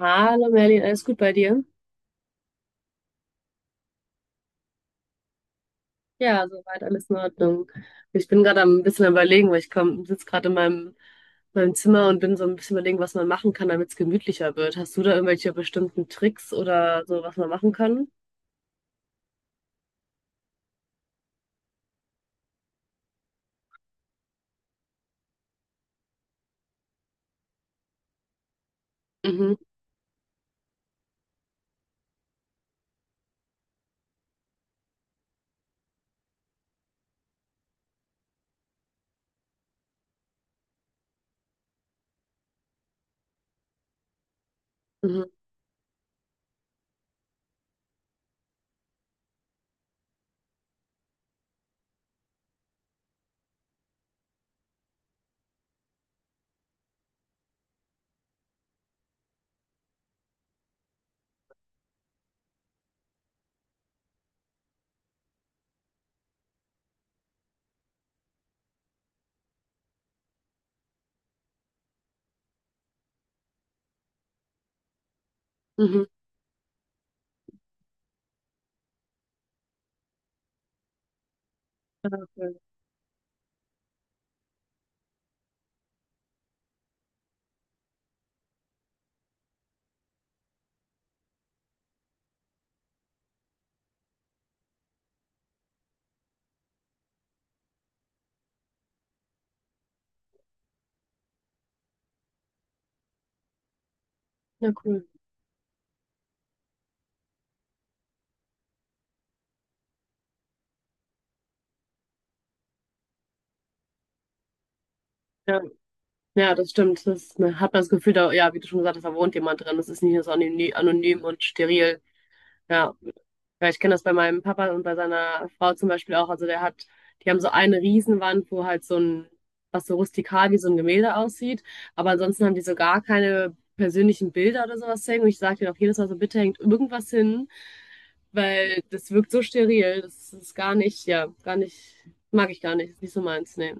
Hallo Merlin, alles gut bei dir? Ja, soweit alles in Ordnung. Ich bin gerade am ein bisschen am Überlegen, weil sitze gerade in meinem Zimmer und bin so ein bisschen überlegen, was man machen kann, damit es gemütlicher wird. Hast du da irgendwelche bestimmten Tricks oder so, was man machen kann? Mhm, mhm, mhm. Ja, cool. Ja, cool. Ja, ja, das stimmt. Das, man hat das Gefühl, da, ja, wie du schon gesagt hast, da wohnt jemand drin. Das ist nicht nur so anonym und steril. Ja. Ja, ich kenne das bei meinem Papa und bei seiner Frau zum Beispiel auch. Also der hat, die haben so eine Riesenwand, wo halt so ein, was so rustikal wie so ein Gemälde aussieht. Aber ansonsten haben die so gar keine persönlichen Bilder oder sowas hängen. Und ich sage denen auch jedes Mal so, bitte hängt irgendwas hin, weil das wirkt so steril. Das ist gar nicht, ja, gar nicht, mag ich gar nicht. Ist nicht so meins, nee.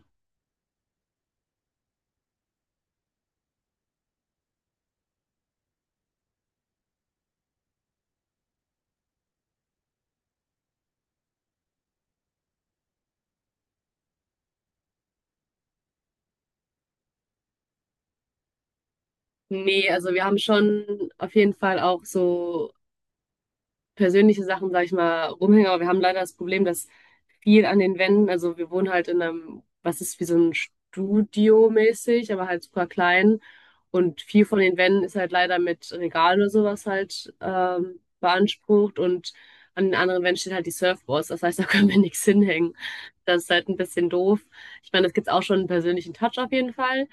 Nee, also wir haben schon auf jeden Fall auch so persönliche Sachen, sag ich mal, rumhänge. Aber wir haben leider das Problem, dass viel an den Wänden, also wir wohnen halt in einem, was ist wie so ein Studio mäßig, aber halt super klein. Und viel von den Wänden ist halt leider mit Regalen oder sowas halt beansprucht. Und an den anderen Wänden steht halt die Surfboards. Das heißt, da können wir nichts hinhängen. Das ist halt ein bisschen doof. Ich meine, das gibt's auch schon einen persönlichen Touch auf jeden Fall.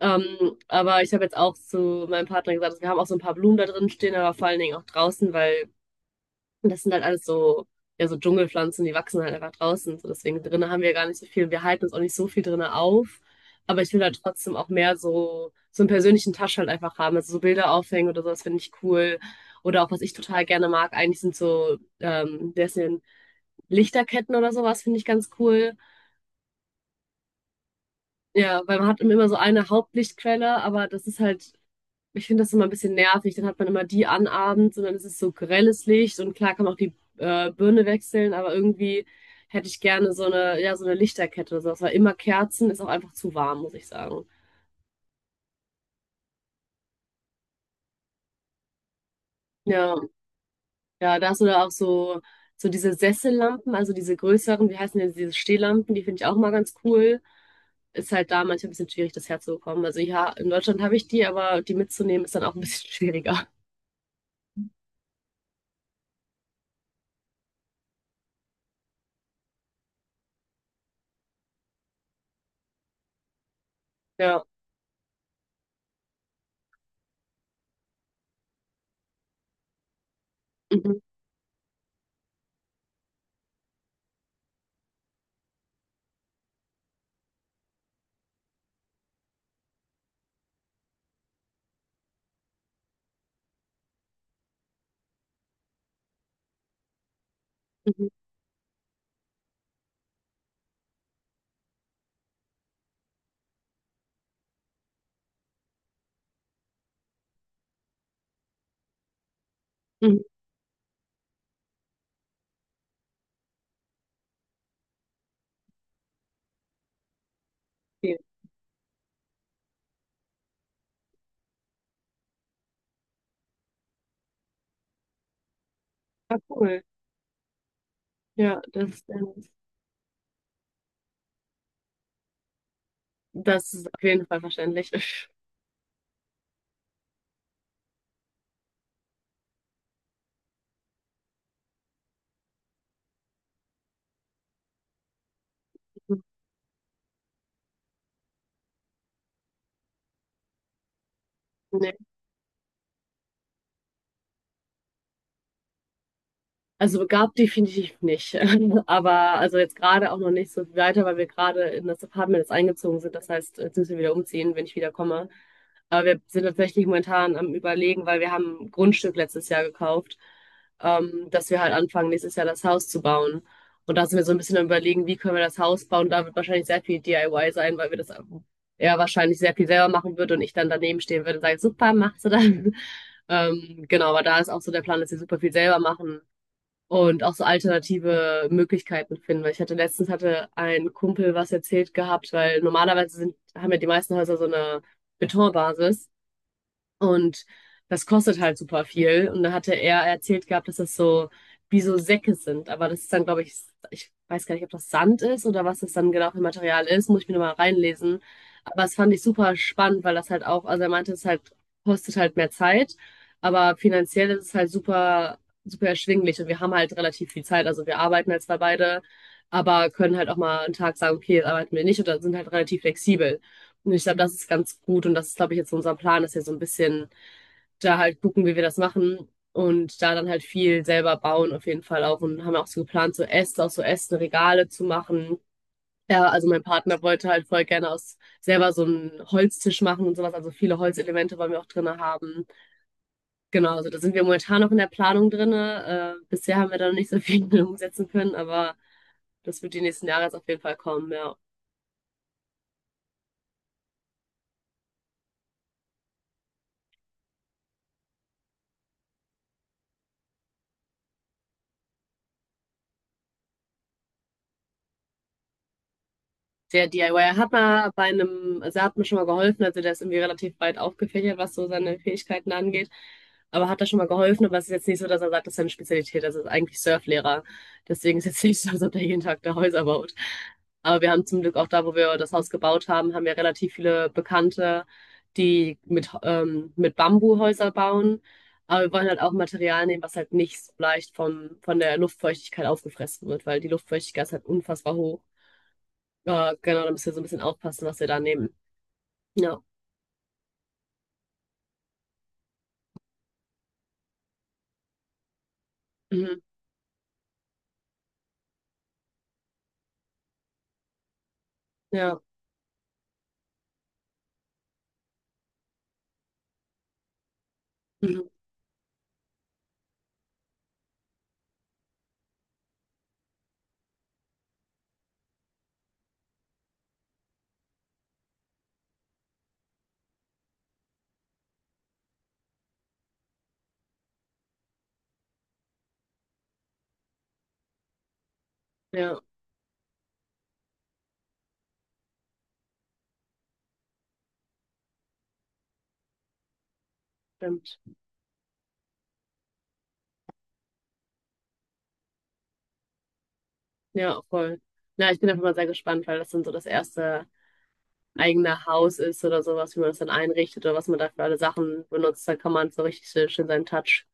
Aber ich habe jetzt auch zu meinem Partner gesagt, dass wir haben auch so ein paar Blumen da drin stehen, aber vor allen Dingen auch draußen, weil und das sind halt alles so, ja, so Dschungelpflanzen, die wachsen halt einfach draußen. So, deswegen drinnen haben wir gar nicht so viel. Wir halten uns auch nicht so viel drinnen auf. Aber ich will halt trotzdem auch mehr so, so einen persönlichen Touch halt einfach haben. Also so Bilder aufhängen oder sowas finde ich cool. Oder auch was ich total gerne mag, eigentlich sind so, der ist in Lichterketten oder sowas, finde ich ganz cool. Ja, weil man hat immer so eine Hauptlichtquelle, aber das ist halt. Ich finde das immer ein bisschen nervig. Dann hat man immer die an abends und dann ist es so grelles Licht und klar kann man auch die Birne wechseln, aber irgendwie hätte ich gerne so eine, ja, so eine Lichterkette oder sowas, weil immer Kerzen ist auch einfach zu warm, muss ich sagen. Ja, ja, das oder auch so, so diese Sessellampen, also diese größeren, wie heißen denn diese Stehlampen, die finde ich auch mal ganz cool. Ist halt da manchmal ein bisschen schwierig, das herzubekommen. Also ja, in Deutschland habe ich die, aber die mitzunehmen ist dann auch ein bisschen schwieriger. Ja. Mhm, mhm, mhm. Okay. Ja, ah, cool. Ja, das ist nice. Das ist auf jeden Fall verständlich. Nee. Also begabt definitiv nicht. Aber also jetzt gerade auch noch nicht so viel weiter, weil wir gerade in das Apartment jetzt eingezogen sind. Das heißt, jetzt müssen wir wieder umziehen, wenn ich wieder komme. Aber wir sind tatsächlich momentan am Überlegen, weil wir haben ein Grundstück letztes Jahr gekauft, dass wir halt anfangen, nächstes Jahr das Haus zu bauen. Und da sind wir so ein bisschen am Überlegen, wie können wir das Haus bauen. Da wird wahrscheinlich sehr viel DIY sein, weil wir das eher wahrscheinlich sehr viel selber machen würden und ich dann daneben stehen würde und sage, super, machst du das? Genau, aber da ist auch so der Plan, dass wir super viel selber machen und auch so alternative Möglichkeiten finden. Weil ich hatte letztens hatte ein Kumpel was erzählt gehabt, weil normalerweise sind, haben ja die meisten Häuser so eine Betonbasis. Und das kostet halt super viel. Und da hatte er erzählt gehabt, dass das so wie so Säcke sind. Aber das ist dann, glaube ich, ich weiß gar nicht, ob das Sand ist oder was das dann genau für Material ist. Muss ich mir nochmal reinlesen. Aber das fand ich super spannend, weil das halt auch, also er meinte, es halt, kostet halt mehr Zeit. Aber finanziell ist es halt super erschwinglich. Und wir haben halt relativ viel Zeit. Also wir arbeiten halt zwar beide, aber können halt auch mal einen Tag sagen, okay, jetzt arbeiten wir nicht oder sind halt relativ flexibel. Und ich glaube, das ist ganz gut. Und das ist, glaube ich, jetzt unser Plan, dass wir so ein bisschen da halt gucken, wie wir das machen und da dann halt viel selber bauen auf jeden Fall auch und haben auch so geplant, so Äste, auch so Äste, Regale zu machen. Ja, also mein Partner wollte halt voll gerne aus selber so einen Holztisch machen und sowas. Also viele Holzelemente wollen wir auch drinne haben. Genau, also da sind wir momentan noch in der Planung drinne. Bisher haben wir da noch nicht so viel umsetzen können, aber das wird die nächsten Jahre jetzt auf jeden Fall kommen, ja. Der DIYer hat mal bei einem, also er hat mir schon mal geholfen, also der ist irgendwie relativ breit aufgefächert, was so seine Fähigkeiten angeht. Aber hat er schon mal geholfen, aber es ist jetzt nicht so, dass er sagt, das ist seine Spezialität, das ist eigentlich Surflehrer. Deswegen ist jetzt nicht so, als ob der jeden Tag da Häuser baut. Aber wir haben zum Glück auch da, wo wir das Haus gebaut haben, haben wir relativ viele Bekannte, die mit Bambuhäuser bauen. Aber wir wollen halt auch Material nehmen, was halt nicht so leicht vom, von der Luftfeuchtigkeit aufgefressen wird, weil die Luftfeuchtigkeit ist halt unfassbar hoch. Ja, genau, da müsst ihr so ein bisschen aufpassen, was ihr da nehmt. Ja, mhm. Ja, mhm. Ja, stimmt. Ja, voll. Ja, ich bin einfach mal sehr gespannt, weil das dann so das erste eigene Haus ist oder sowas, wie man das dann einrichtet oder was man da für alle Sachen benutzt. Da kann man so richtig schön seinen Touch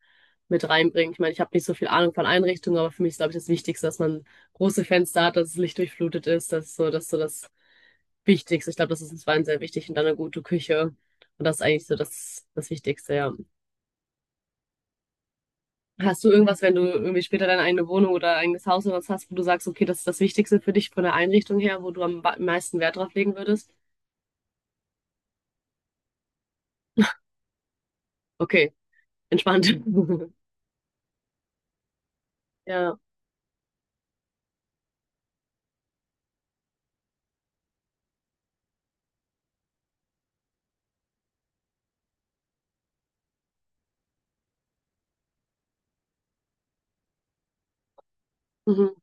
mit reinbringen. Ich meine, ich habe nicht so viel Ahnung von Einrichtungen, aber für mich ist, glaube ich, das Wichtigste, dass man große Fenster hat, dass es lichtdurchflutet ist. Das ist so, das ist so das Wichtigste. Ich glaube, das ist uns beiden sehr wichtig und dann eine gute Küche. Und das ist eigentlich so das, das Wichtigste, ja. Hast du irgendwas, wenn du irgendwie später deine eigene Wohnung oder eigenes Haus oder was hast, wo du sagst, okay, das ist das Wichtigste für dich von der Einrichtung her, wo du am meisten Wert drauf legen würdest? Okay, entspannt. Ja, mhm,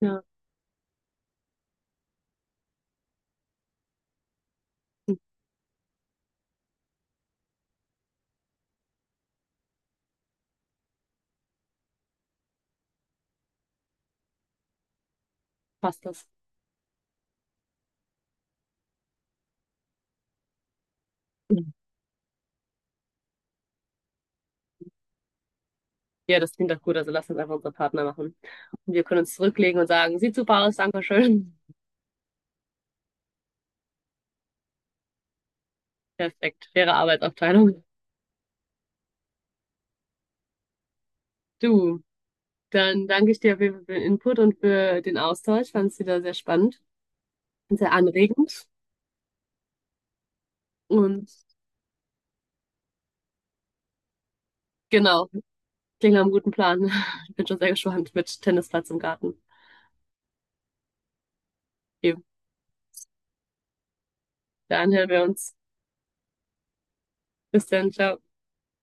ja, passt das. Ja, das klingt doch gut. Also lass uns einfach unsere Partner machen. Und wir können uns zurücklegen und sagen, sieht super aus, danke schön. Perfekt, faire Arbeitsaufteilung. Du, dann danke ich dir auf jeden Fall für den Input und für den Austausch. Fand es wieder sehr spannend und sehr anregend. Und genau. Klingt nach einem guten Plan. Ich bin schon sehr gespannt mit Tennisplatz im Garten. Okay, dann hören wir uns. Bis dann, ciao.